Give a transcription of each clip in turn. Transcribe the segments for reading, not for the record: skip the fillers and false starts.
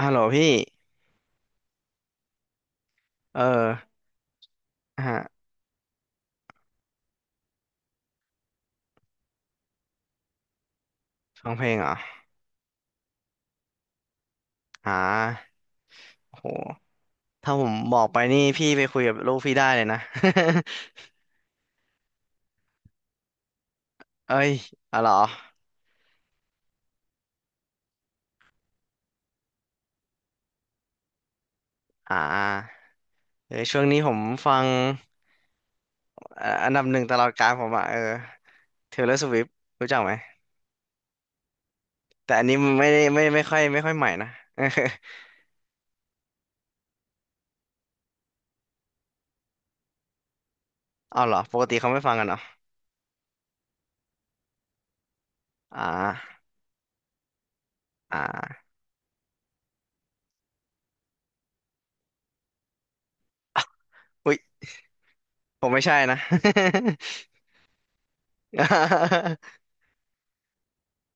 ฮัลโหลพี่เออฮะฟังเพลงเหรออ่าโหถ้าผมบอกไปนี่พี่ไปคุยกับลูกพี่ได้เลยนะ เอ้ยอ๋อเหรออ่าเออช่วงนี้ผมฟังอันดับหนึ่งตลอดกาลผมอ่ะเออ Taylor Swift รู้จักไหม แต่อันนี้ไม่ได้ไม่ค่อยใหม่นะ เอาเหรอ ปกติเขาไม่ฟังกันเหรออ่าอ่าอุ๊ยผมไม่ใช่นะ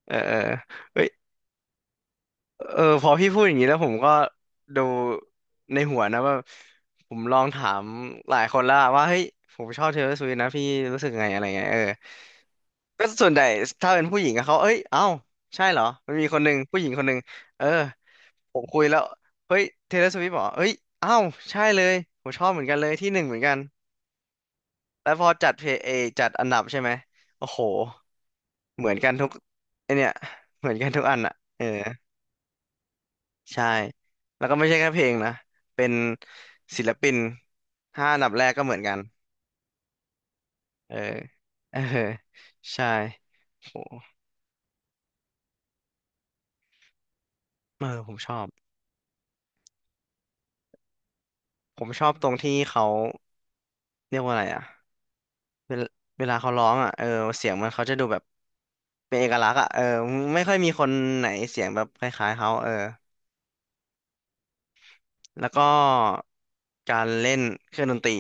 เออเออเออเฮ้ย เออพอพี่พูดอย่างนี้แล้วผมก็ดูในหัวนะว่าผมลองถามหลายคนแล้วอะว่าเฮ้ยผมชอบเทย์เลอร์สวิฟนะพี่รู้สึกไงอะไรเงี้ยเออก็ส่วนใหญ่ถ้าเป็นผู้หญิงอะเขาเอ้ยเอ้าใช่เหรอมันมีคนหนึ่งผู้หญิงคนหนึ่งเออผมคุยแล้วเฮ้ยเทย์เลอร์สวิฟบอกเอ้ยเอ้าใช่เลยผมชอบเหมือนกันเลยที่หนึ่งเหมือนกันแล้วพอจัดเพลย์เอจัดอันดับใช่ไหมโอ้โหเหมือนกันทุกไอเนี่ยเหมือนกันทุกอันอะเออ ใช่แล้วก็ไม่ใช่แค่เพลงนะ เป็นศิลปิน ห้าอันดับแรกก็เหมือนกันเออเออใช่โหเออผมชอบ ผมชอบตรงที่เขาเรียกว่าอะไรอะเวลาเวลาเขาร้องอะเออเสียงมันเขาจะดูแบบเป็นเอกลักษณ์อะเออไม่ค่อยมีคนไหนเสียงแบบคล้ายๆเขาเออแล้วก็การเล่นเครื่องดนตรี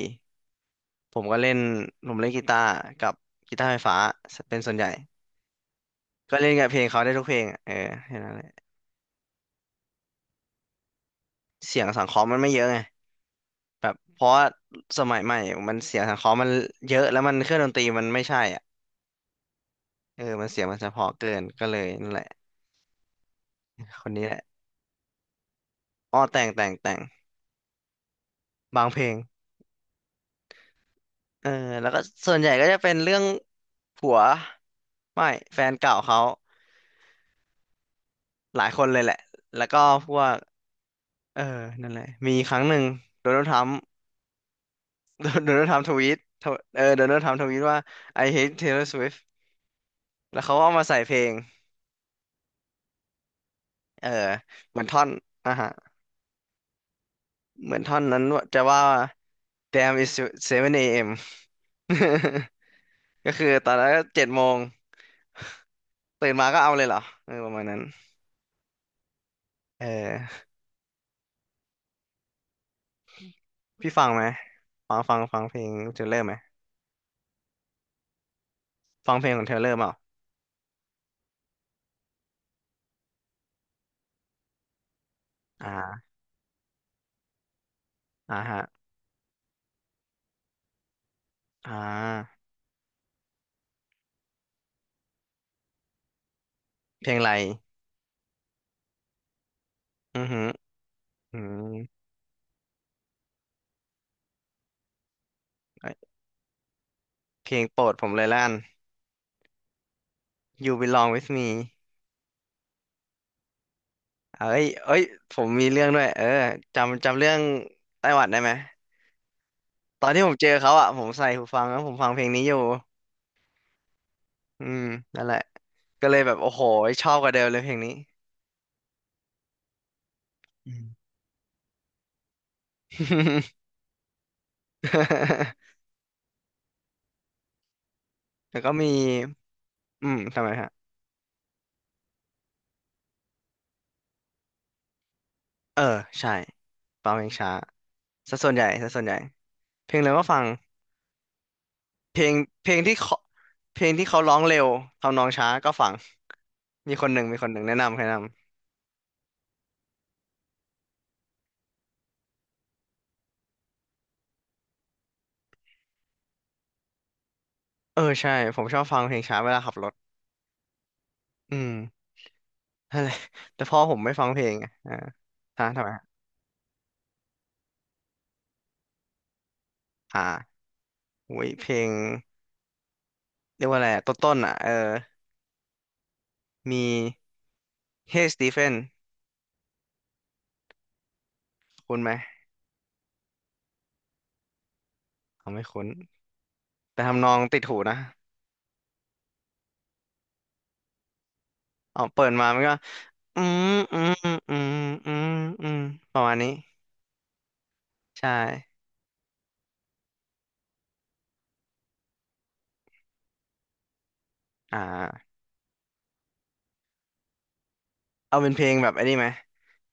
ผมก็เล่นผมเล่นกีตาร์กับกีตาร์ไฟฟ้าเป็นส่วนใหญ่ ก็เล่นกับเพลงเขาได้ทุกเพลงอะเออแค่นั้นแหละเสียงสังเคราะห์มันไม่เยอะไงแบบเพราะว่าสมัยใหม่มันเสียงสังเคราะห์มันเยอะแล้วมันเครื่องดนตรีมันไม่ใช่อ่ะเออมันเสียงมันเฉพาะเกินก็เลยนั่นแหละคนนี้แหละอ้อแต่งแต่งแต่งบางเพลงเออแล้วก็ส่วนใหญ่ก็จะเป็นเรื่องผัวไม่แฟนเก่าเขาหลายคนเลยแหละ แล้วก็พวกเออนั่นแหละมีครั้งหนึ่งโดนัลด์ทรัมป์ โดนัลด์ทรัมป์ทวีตทวเออโดนัลด์ทรัมป์ทวีตว่า I hate Taylor Swift แล้วเขาก็เอามาใส่เพลงเออเหมือนท่อนอ่ะฮะ เหมือนท่อนนั้นจะว่า Damn is 7 a.m. ก็คือตอนนั้นก็เจ็ดโมงตื่นมาก็เอาเลยเหรอเออประมาณนั้น เออพี่ฟังไหม ฟังฟังฟังเพลงเทเลอร์ไหม ฟังเพลงของเทเลอร์เปล่าอ่าอ่าฮะอ่าเพลงอะไรอือหืออืมเอ้ยเพลงโปรดผมเลยล้าน You Belong With Me เอ้ย เอ้ยผมมีเรื่องด้วยเออจำจำเรื่องไต้หวันได้ไหม ตอนที่ผมเจอเขาอ่ะผมใส่หูฟังแล้วผมฟังเพลงนี้อยู่อืมนั่นแหละก็เลยแบบโอ้โหชอบกว่าเดิมเลยเพลงนี้ อืม แล้วก็มีอืมทำไมฮะเออใช่ฟังเพลงช้าซะส่วนใหญ่ซะส่วนใหญ่เพลงเร็วก็ฟังเพลงเพลงที่เขาเพลงที่เขาร้องเร็วทำนองช้าก็ฟังมีคนหนึ่งมีคนหนึ่งแนะนำแนะนำเออใช่ผมชอบฟังเพลงช้าเวลาขับรถอืมนั่นแหละแต่พ่อผมไม่ฟังเพลงไงอ่าฮะทำไมฮะอ่า อุ้ยเพลงเรียกว่าอะไรอะต้นๆอ่ะเออมี Hey Stephen คุ้นไหมเอาไม่คุ้นแต่ทำนองติดหูนะอ๋อเปิดมามันก็อืมอืมอืมอืมอืมประมาณนี้ใช่อ่าเอาเป็นเพลงแบบอันนี้ไหม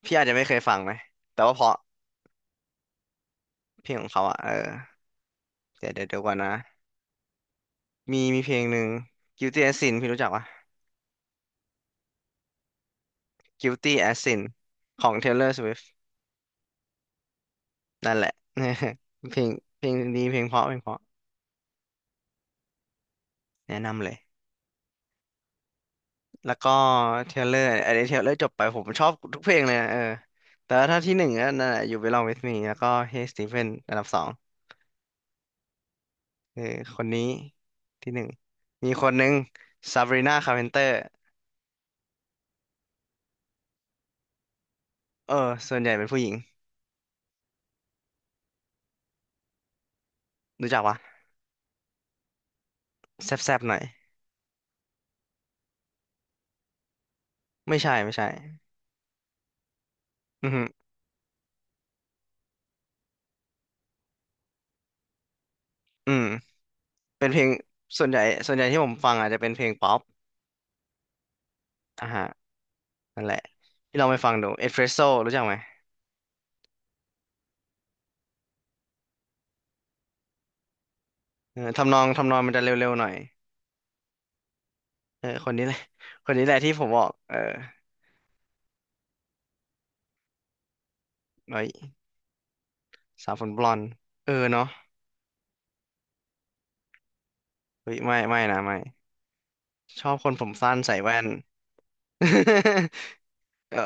พี่อาจจะไม่เคยฟังไหมแต่ว่าเพราะเพลงของเขาอ่ะเออเดี๋ยวเดี๋ยวเดี๋ยวก่อนนะมีเพลงหนึ่ง Guilty as Sin พี่รู้จักปะ Guilty as Sin ของ Taylor Swift นั่นแหละ เพลงเพลงดีเพลงเพราะเพลงเพราะแนะนำเลย แล้วก็เทเลอร์อันนี้เทเลอร์จบไปผมชอบทุกเพลงเลยนะเออแต่ว่าถ้าที่หนึ่งก็นั่นแหละอยู่ Belong With Me แล้วก็ Hey Stephen อันดับสองเออคนนี้ที่หนึ่งมีคนหนึ่ง Sabrina Carpenter เออส่วนใหญ่เป็นผู้หญิงรู้จักปะแซบๆหน่อยไม่ใช่ไม่ใช่อือหืออืมเป็นเพลงส่วนใหญ่ส่วนใหญ่ที่ผมฟังอาจจะเป็นเพลงป๊อปอ่ะฮะนั่นแหละที่เราไปฟังดู Espresso รู้จักไหมเออทำนองมันจะเร็วๆหน่อยเออคนนี้แหละคนนี้แหละที่ผมบอกเออเอ้ย สาวผมบลอนด์เออเนาะเฮ้ยไม่ไม่นะไม่ชอบคนผมสั้นใส่แว่น เออ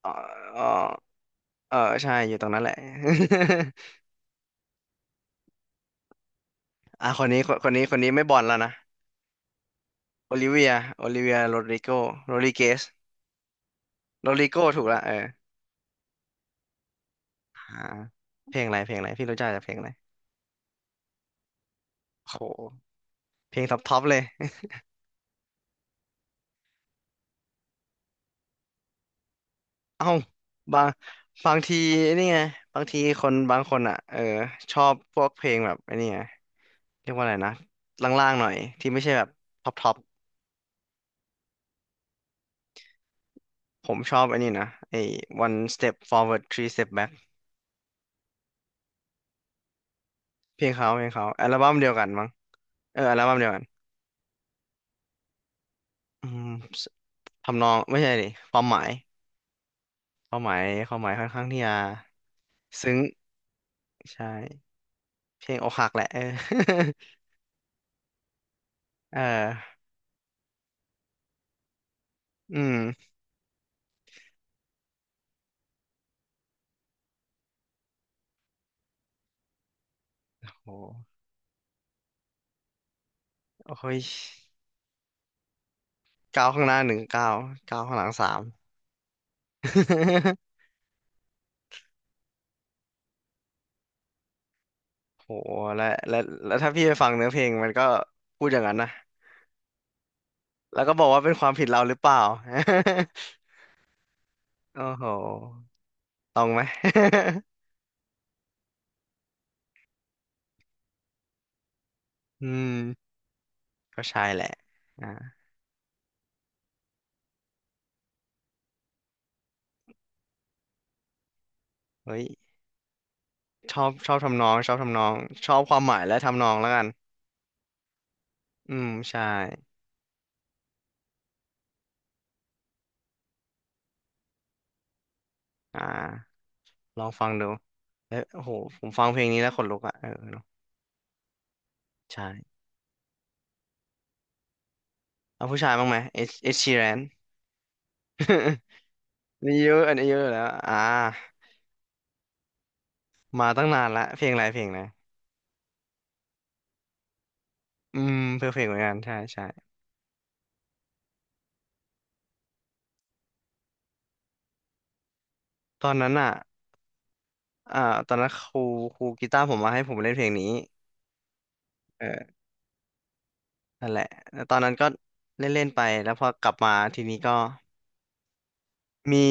เออเออเออใช่อยู่ตรงนั้นแหละ อ่ะคนนี้คนนี้ไม่บอลแล้วนะโอลิเวียโรดริโกโรดริเกสโรดริโกถูกละเอออ่าเพลงอะไรพี่รู้จักจากเพลงอะไรโหเพลงท็อปท็อปเลย เอ้าบางบางทีนี่ไงบางทีคนบางคนอ่ะเออชอบพวกเพลงแบบไอ้นี่ไง เรียกว่าอะไรนะล่างๆหน่อยที่ไม่ใช่แบบท็อปท็อปผมชอบอันนี้นะไอ้ one step forward three step back เพลงเขาอัลบั้มเดียวกันมั้งเอออัลบั้มเดียวกันอืมสทำนองไม่ใช่ดิความหมายความหมายความหมายค่อนข้างที่จะซึ้งใช่เพลงอกหักแหละเออ เอออืมโหโอ้ยก้าวข้างหน้าหนึ่งก้าวก้าวข้างหลังสาม โหและและและถ้าพี่ไปฟังเนื้อเพลงมันก็พูดอย่างนั้นนะ แล้วก็บอกว่าเป็นความผิดเราหรือเปล่า โอ้โหตรงไหม อืมก็ใช่แหละอ่าเฮ้ยชอบทำนองชอบความหมายและทำนองแล้วกันอืมใช่อ่าลองฟังดูเอ้ยโอ้โห ผมฟังเพลงนี้แล้วขนลุกอ่ะเออเนอะใช่เอาผู้ชายบ้างไหมเอชเอ ชีแรน นี่เยอะอันนี้เยอะแล้วอ่ามาตั้งนานละ เพลงอะไรเพลงไหนอืมเพลงเหมือนกันใช่ใช่ตอนนั้นอ่ะ อ่าตอนนั้นครูกีตาร์ผมมาให้ผมเล่นเพลงนี้เออนั่นแหละแล้วตอนนั้นก็เล่นเล่นไปแล้วพอกลับมาทีนี้ก็มี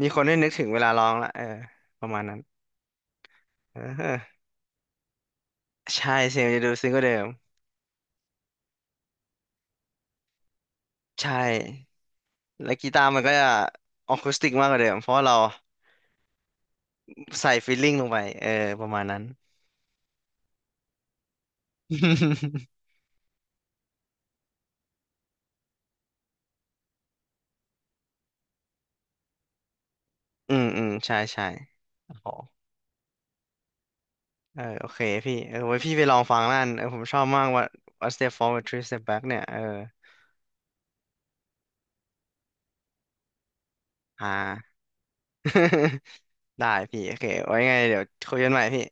มีคนได้นึกถึงเวลาร้องละเออประมาณนั้นเออใช่เสียงมันจะดูซึ้งกว่าเดิมใช่แล้วกีตาร์มันก็จะออคูสติกมากกว่าเดิมเพราะว่าเราใส่ฟีลลิ่งลงไปเออประมาณนั้น อืมอืมใช่ใช่โอ้โหเออโอเคพี่เออไว้พี่ไปลองฟังนั่นเออผมชอบมากว่า One Step Forward Three Step Back เนี่ยเอออ่า ได้พี่โอเคไว้ไงเดี๋ยวคุยกันใหม่พี่